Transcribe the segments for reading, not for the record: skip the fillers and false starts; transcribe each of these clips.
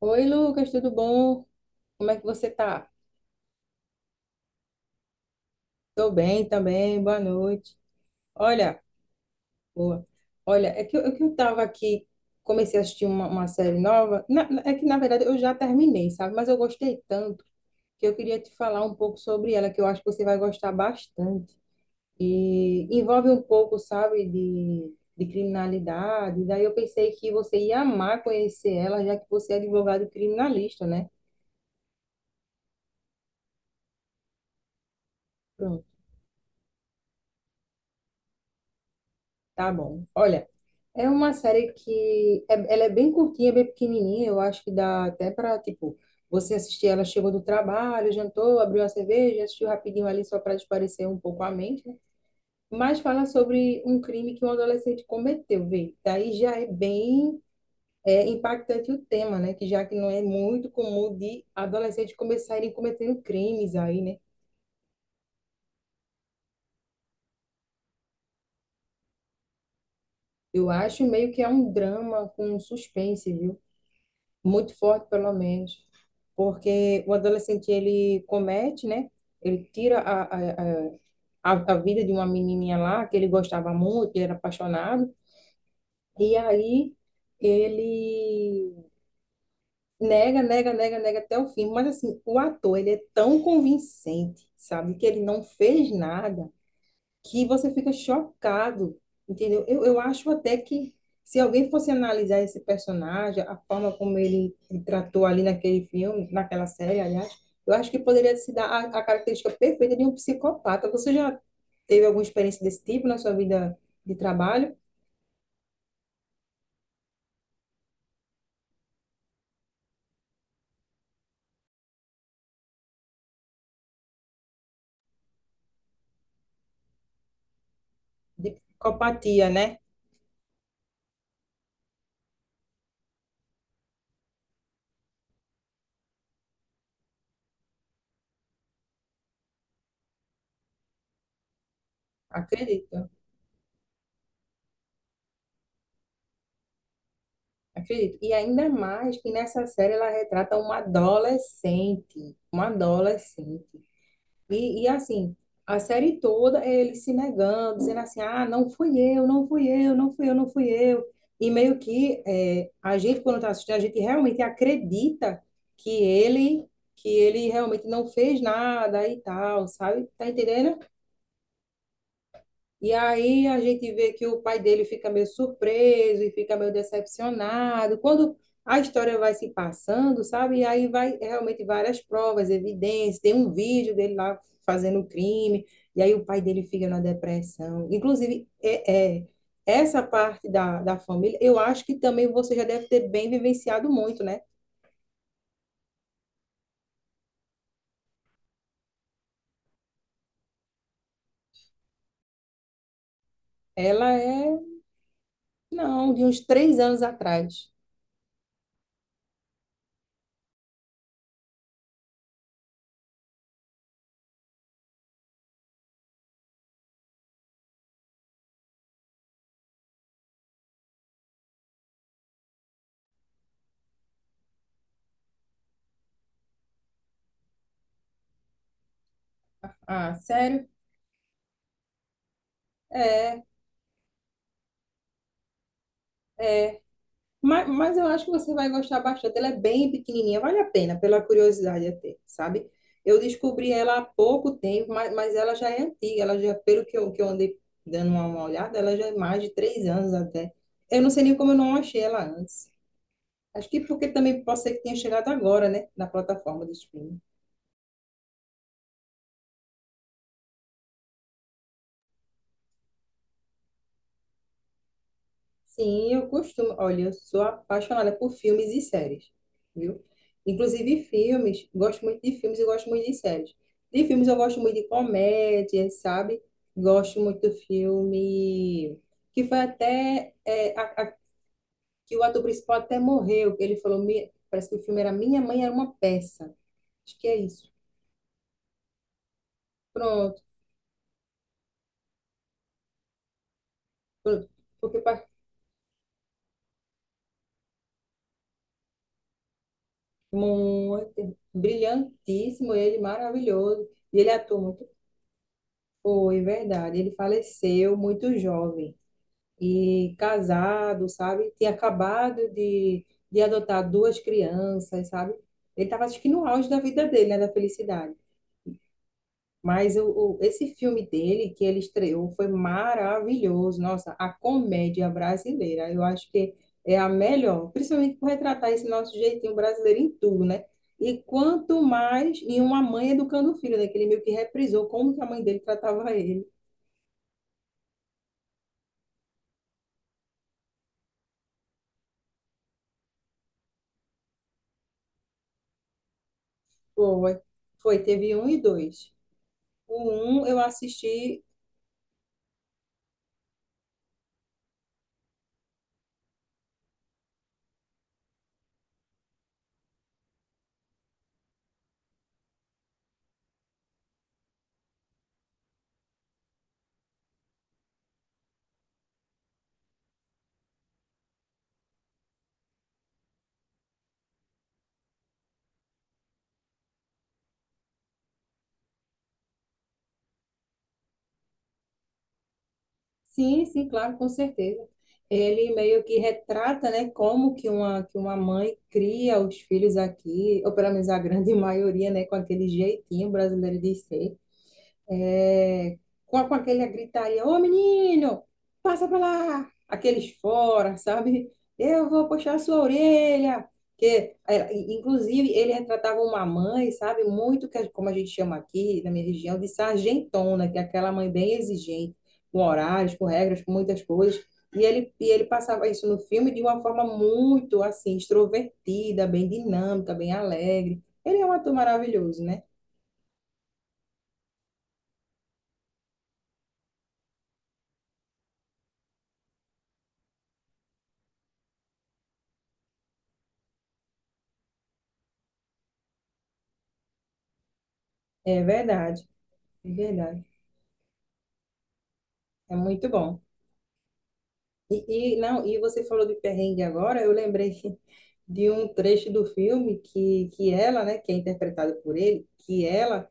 Oi, Lucas, tudo bom? Como é que você tá? Tô bem também, boa noite. Olha, boa. Olha, é que eu tava aqui, comecei a assistir uma série nova. É que, na verdade, eu já terminei, sabe? Mas eu gostei tanto que eu queria te falar um pouco sobre ela, que eu acho que você vai gostar bastante. E envolve um pouco, sabe, de criminalidade. Daí eu pensei que você ia amar conhecer ela, já que você é advogado criminalista, né? Pronto, tá bom. Olha. É uma série que ela é bem curtinha, bem pequenininha. Eu acho que dá até para, tipo, você assistir. Ela chegou do trabalho, jantou, abriu a cerveja, assistiu rapidinho ali só para espairecer um pouco a mente, né? Mas fala sobre um crime que um adolescente cometeu, vê. Daí já é bem impactante o tema, né? Que já que não é muito comum de adolescentes começarem cometendo crimes aí, né? Eu acho meio que é um drama com suspense, viu? Muito forte, pelo menos, porque o adolescente ele comete, né? Ele tira a vida de uma menininha lá que ele gostava muito, ele era apaixonado, e aí ele nega, nega, nega, nega até o fim. Mas assim, o ator ele é tão convincente, sabe, que ele não fez nada. Que você fica chocado, entendeu? Eu acho até que se alguém fosse analisar esse personagem, a forma como ele tratou ali naquele filme, naquela série, aliás, eu acho que poderia se dar a característica perfeita de um psicopata. Você já teve alguma experiência desse tipo na sua vida de trabalho? De psicopatia, né? Acredito, acredito. E ainda mais que nessa série ela retrata uma adolescente, uma adolescente. E, assim, a série toda é ele se negando, dizendo assim: ah, não fui eu, não fui eu, não fui eu, não fui eu. E meio que é, a gente, quando está assistindo, a gente realmente acredita que ele, que ele realmente não fez nada e tal, sabe? Tá entendendo? E aí a gente vê que o pai dele fica meio surpreso e fica meio decepcionado. Quando a história vai se passando, sabe? E aí vai realmente várias provas, evidências. Tem um vídeo dele lá fazendo um crime, e aí o pai dele fica na depressão. Inclusive, essa parte da família, eu acho que também você já deve ter bem vivenciado muito, né? Ela é, não, de uns três anos atrás. Ah, sério? É. É. Mas, eu acho que você vai gostar bastante. Ela é bem pequenininha, vale a pena, pela curiosidade até, sabe? Eu descobri ela há pouco tempo, mas, ela já é antiga, ela já, pelo que eu, andei dando uma olhada, ela já é mais de três anos até. Eu não sei nem como eu não achei ela antes. Acho que porque também pode ser que tenha chegado agora, né? Na plataforma de streaming. Sim, eu costumo. Olha, eu sou apaixonada por filmes e séries, viu? Inclusive filmes, gosto muito de filmes e gosto muito de séries. De filmes eu gosto muito de comédia, sabe? Gosto muito do filme que foi até é, que o ator principal até morreu, que ele falou, "Mi- parece que o filme era Minha Mãe Era uma Peça. Acho que é isso. Pronto, pronto. Porque pa- Muito brilhantíssimo ele, maravilhoso. E ele atua muito. Foi verdade. Ele faleceu muito jovem e casado, sabe? Tinha acabado de, adotar duas crianças, sabe? Ele estava, acho que, no auge da vida dele, né? Da felicidade. Mas esse filme dele, que ele estreou, foi maravilhoso. Nossa, a comédia brasileira, eu acho que é a melhor, principalmente por retratar esse nosso jeitinho brasileiro em tudo, né? E quanto mais em uma mãe educando o filho, né? Que ele meio que reprisou como que a mãe dele tratava ele. Foi, foi, teve um e dois. O um eu assisti, sim, sim, claro, com certeza. Ele meio que retrata, né, como que uma mãe cria os filhos aqui, ou pelo menos a grande maioria, né, com aquele jeitinho brasileiro de ser. É, com, aquele gritaria, ô menino, passa pra lá, aqueles fora, sabe? Eu vou puxar a sua orelha. Que, é, inclusive, ele retratava uma mãe, sabe? Muito, que, como a gente chama aqui na minha região, de sargentona, que é aquela mãe bem exigente, com horários, com regras, com muitas coisas. E ele, passava isso no filme de uma forma muito, assim, extrovertida, bem dinâmica, bem alegre. Ele é um ator maravilhoso, né? É verdade, é verdade. É muito bom. Não, e você falou de perrengue agora, eu lembrei de um trecho do filme que ela, né, que é interpretada por ele, que ela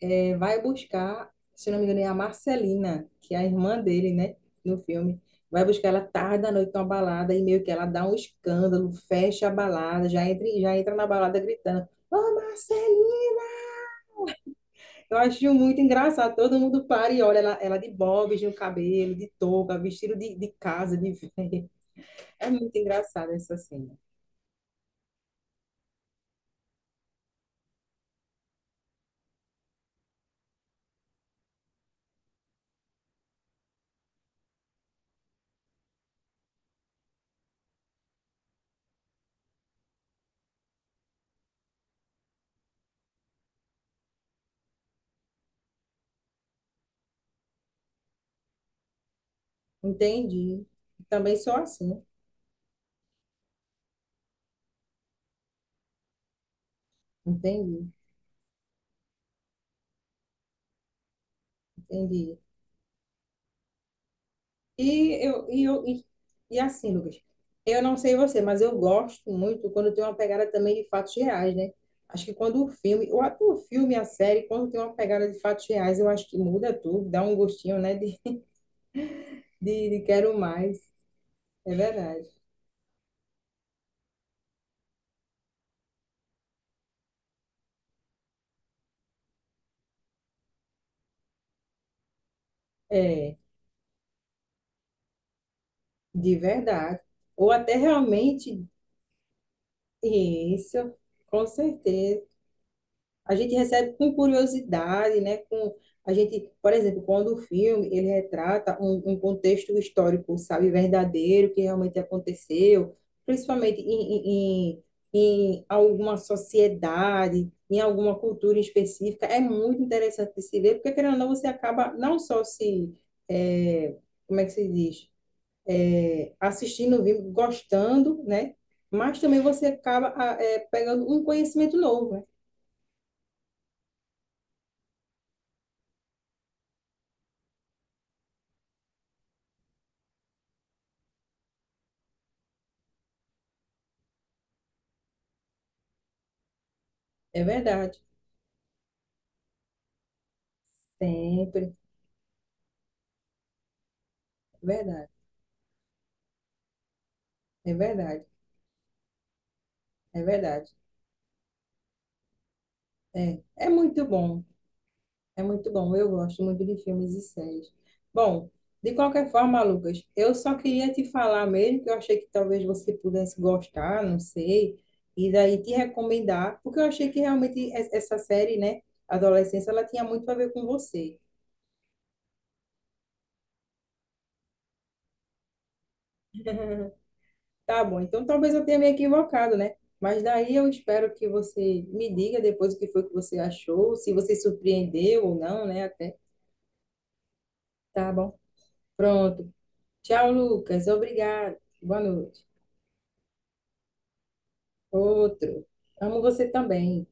vai buscar, se não me engano, é a Marcelina, que é a irmã dele, né, no filme. Vai buscar ela tarde da noite numa balada e meio que ela dá um escândalo, fecha a balada, já entra na balada gritando, ô, Marcelina! Eu acho muito engraçado, todo mundo para e olha ela, ela de bobs no cabelo, de touca, vestido de, casa, de velha. É muito engraçada essa cena. Entendi. Também sou assim. Entendi, entendi. E eu, e eu, e, e assim, Lucas, eu não sei você, mas eu gosto muito quando tem uma pegada também de fatos reais, né? Acho que quando o filme, ou até o filme, a série, quando tem uma pegada de fatos reais, eu acho que muda tudo, dá um gostinho, né? De, de quero mais. É verdade. É, de verdade. Ou até realmente, isso, com certeza. A gente recebe com curiosidade, né? Com a gente, por exemplo, quando o filme ele retrata um contexto histórico, sabe, verdadeiro que realmente aconteceu, principalmente em alguma sociedade, em alguma cultura específica, é muito interessante de se ver, porque querendo ou não você acaba não só se é, como é que se diz? É, assistindo o vídeo, gostando, né? Mas também você acaba ah, é, pegando um conhecimento novo, né? É verdade. Sempre. É verdade. É verdade. É verdade. É. É muito bom. É muito bom. Eu gosto muito de filmes e séries. Bom, de qualquer forma, Lucas, eu só queria te falar mesmo que eu achei que talvez você pudesse gostar, não sei, e daí te recomendar, porque eu achei que realmente essa série, né, Adolescência, ela tinha muito a ver com você. Tá bom, então talvez eu tenha me equivocado, né? Mas daí eu espero que você me diga depois o que foi que você achou, se você surpreendeu ou não, né? Até. Tá bom. Pronto. Tchau, Lucas. Obrigado. Boa noite. Outro. Amo você também.